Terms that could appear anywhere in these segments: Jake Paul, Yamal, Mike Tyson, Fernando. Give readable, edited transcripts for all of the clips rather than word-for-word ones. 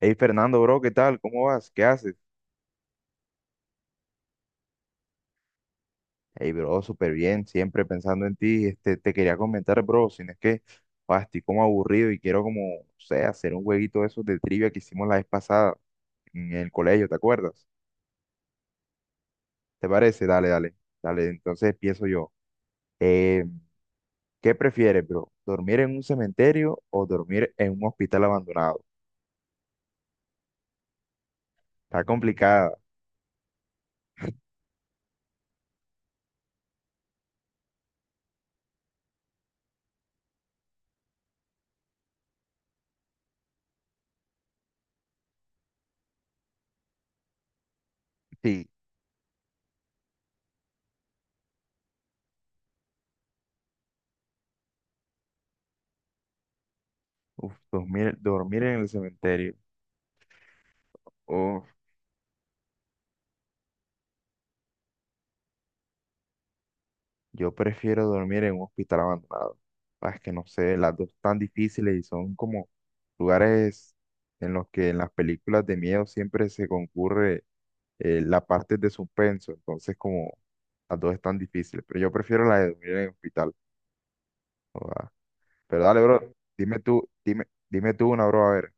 Hey Fernando, bro, ¿qué tal? ¿Cómo vas? ¿Qué haces? Hey, bro, súper bien, siempre pensando en ti. Este, te quería comentar, bro, si no es que, estoy como aburrido y quiero como, o sea, hacer un jueguito de esos de trivia que hicimos la vez pasada en el colegio, ¿te acuerdas? ¿Te parece? Dale, dale, dale. Entonces empiezo yo. Eh, ¿Qué prefieres, bro? ¿Dormir en un cementerio o dormir en un hospital abandonado? Está complicada. Sí. Uf, dormir, dormir en el cementerio. Uf. Yo prefiero dormir en un hospital abandonado. Ah, es que no sé, las dos tan difíciles y son como lugares en los que en las películas de miedo siempre se concurre la parte de suspenso. Entonces, como las dos están difíciles. Pero yo prefiero la de dormir en el hospital. Joda. Pero dale, bro, dime tú, dime tú una, bro, a ver.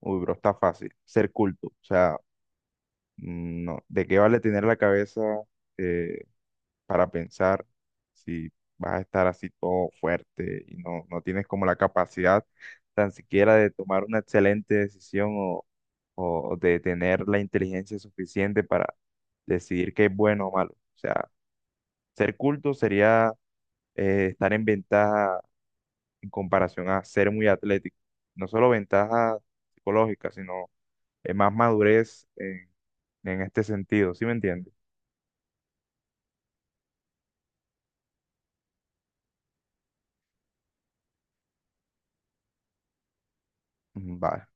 Uy, bro, está fácil. Ser culto. O sea, no, ¿de qué vale tener la cabeza? eh, para pensar si vas a estar así todo fuerte y no, no tienes como la capacidad tan siquiera de tomar una excelente decisión o de tener la inteligencia suficiente para decidir qué es bueno o malo. O sea, ser culto sería estar en ventaja en comparación a ser muy atlético. No solo ventaja psicológica, sino más madurez en este sentido, ¿sí me entiendes? Ujú, vale.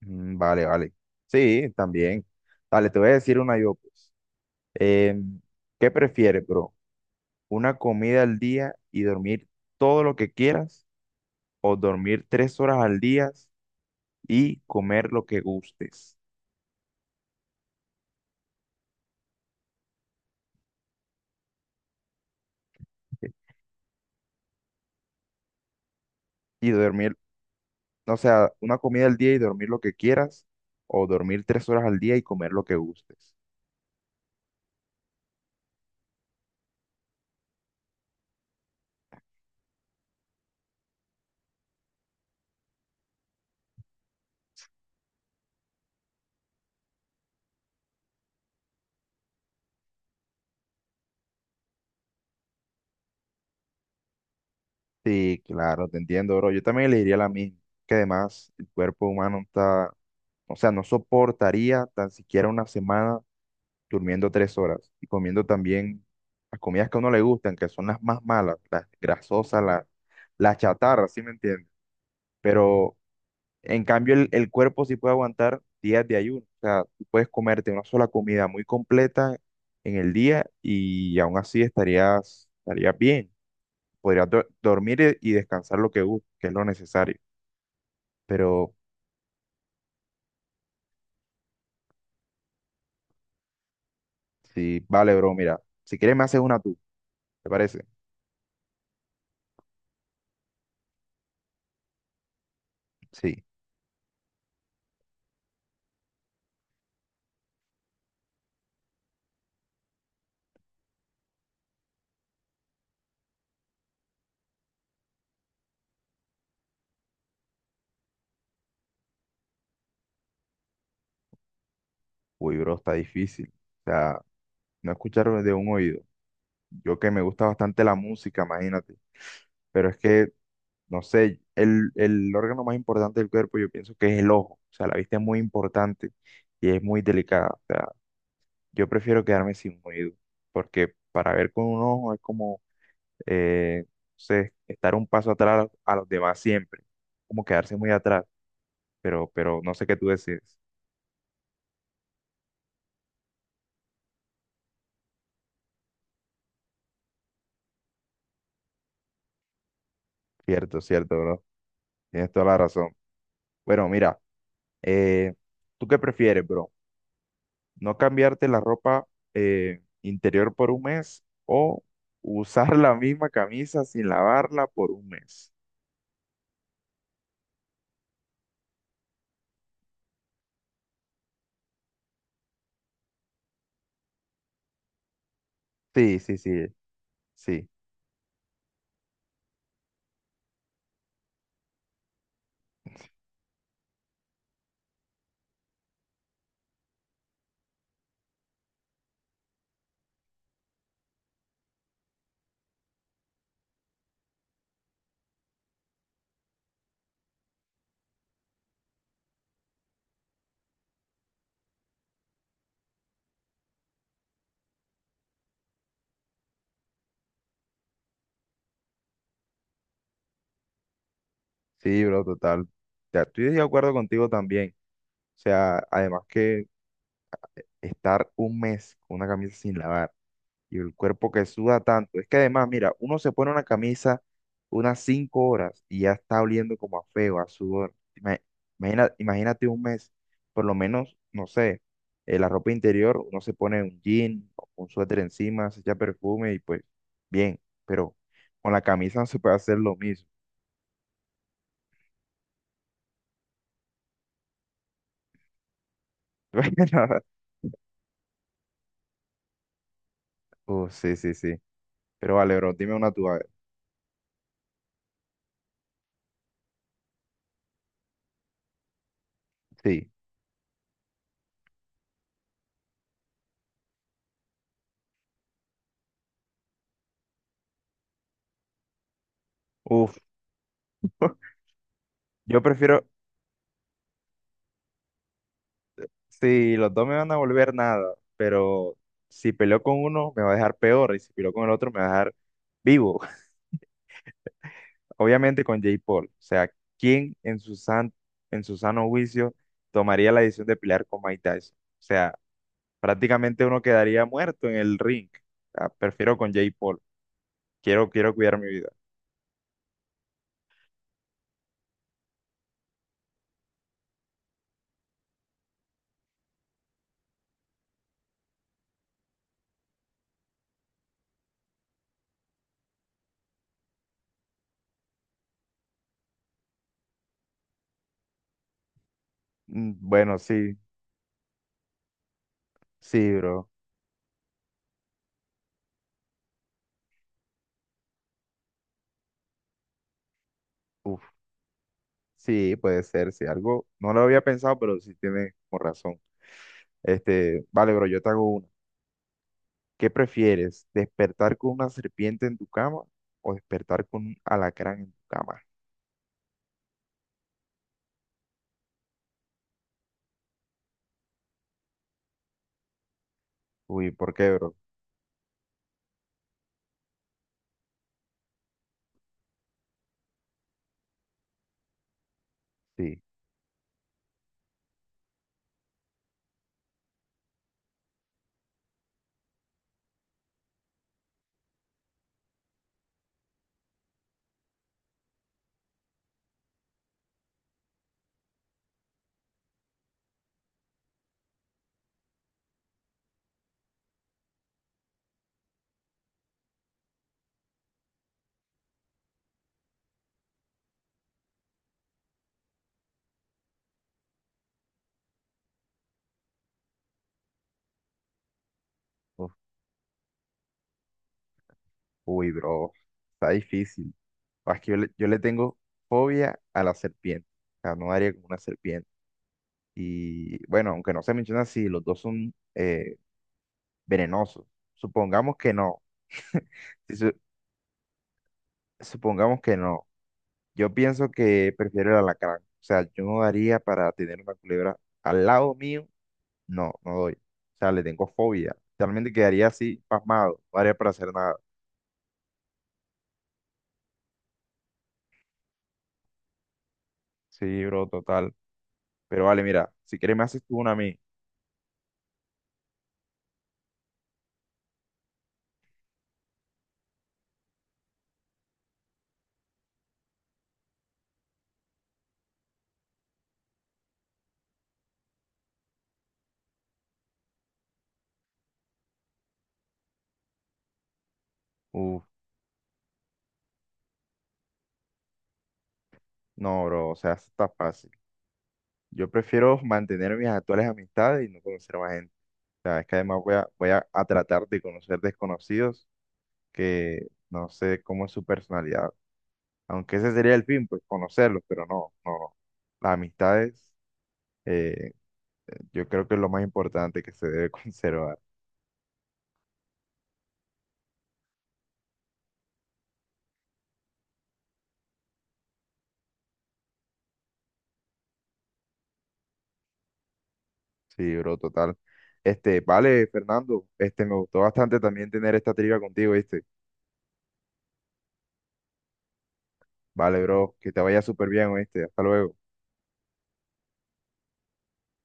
Mm, vale, vale. Sí, también. Dale, te voy a decir una yo, pues. Em, ¿Qué prefieres, bro? ¿Una comida al día y dormir todo lo que quieras? ¿O dormir 3 horas al día y comer lo que gustes? Y dormir, o sea, una comida al día y dormir lo que quieras, o dormir tres horas al día y comer lo que gustes. Sí, claro, te entiendo, bro. Yo también elegiría la misma, que además el cuerpo humano está, o sea, no soportaría tan siquiera una semana durmiendo 3 horas y comiendo también las comidas que a uno le gustan, que son las más malas, las grasosas, las chatarras, ¿sí me entiendes? Pero en cambio el cuerpo sí puede aguantar días de ayuno, o sea, tú puedes comerte una sola comida muy completa en el día y aún así estarías bien, podrías dormir y descansar lo que gustes, que es lo necesario, pero sí, vale, bro, mira, si quieres me haces una tú, ¿te parece? Sí, uy, bro, está difícil. O sea, no escuchar de un oído. Yo que me gusta bastante la música, imagínate, pero es que, no sé, el órgano más importante del cuerpo yo pienso que es el ojo, o sea, la vista es muy importante y es muy delicada, o sea, yo prefiero quedarme sin oído, porque para ver con un ojo es como, no sé, estar un paso atrás a los demás siempre, como quedarse muy atrás, pero no sé qué tú decides. Cierto, cierto, bro, tienes toda la razón. Bueno, mira, eh, ¿tú qué prefieres, bro? No cambiarte la ropa interior por un mes o usar la misma camisa sin lavarla por un mes. Sí, sí, sí, sí, sí, bro, total. Ya, estoy de acuerdo contigo también. O sea, además que estar un mes con una camisa sin lavar y el cuerpo que suda tanto. Es que además, mira, uno se pone una camisa unas 5 horas y ya está oliendo como a feo, a sudor. Imagínate un mes, por lo menos, no sé, la ropa interior, uno se pone un jean, o un suéter encima, se echa perfume y pues bien, pero con la camisa no se puede hacer lo mismo. Sí, sí, sí. Pero vale, bro, dime una tú, a ver. Sí. Uf, yo prefiero. Sí, los dos me van a volver nada, pero si peleo con uno me va a dejar peor y si peleo con el otro me va a dejar vivo. Obviamente con Jake Paul. O sea, ¿quién en su sano juicio tomaría la decisión de pelear con Mike Tyson? O sea, prácticamente uno quedaría muerto en el ring. O sea, prefiero con Jake Paul. Quiero, quiero cuidar mi vida. Mm, bueno, sí, sí, bro. Uf, sí, puede ser, sí. Algo no lo había pensado, pero sí tiene como razón. Este, vale, bro, yo te hago una. ¿Qué prefieres? ¿Despertar con una serpiente en tu cama o despertar con un alacrán en tu cama? Uy, ¿por qué, bro? Sí. Uf, uy, bro. Está difícil. Ah, es que yo le tengo fobia a la serpiente. O sea, no daría con una serpiente. Y bueno, aunque no se menciona si los dos son venenosos. Supongamos que no. Si su- Supongamos que no. Yo pienso que prefiero el alacrán. O sea, yo no daría para tener una culebra al lado mío. No, no doy. O sea, le tengo fobia. Realmente quedaría así, pasmado. No haría para hacer nada. Sí, bro, total. Pero vale, mira, si quieres me haces tú una a mí. Uf, no, bro, o sea, eso está fácil. Yo prefiero mantener mis actuales amistades y no conocer más gente. O sea, es que además voy a tratar de conocer desconocidos que no sé cómo es su personalidad. Aunque ese sería el fin, pues conocerlos, pero no, no, no. Las amistades, eh, yo creo que es lo más importante que se debe conservar. Sí, bro, total. Este, vale, Fernando, este, me gustó bastante también tener esta trivia contigo, ¿viste? Vale, bro, que te vaya súper bien, ¿viste? Hasta luego.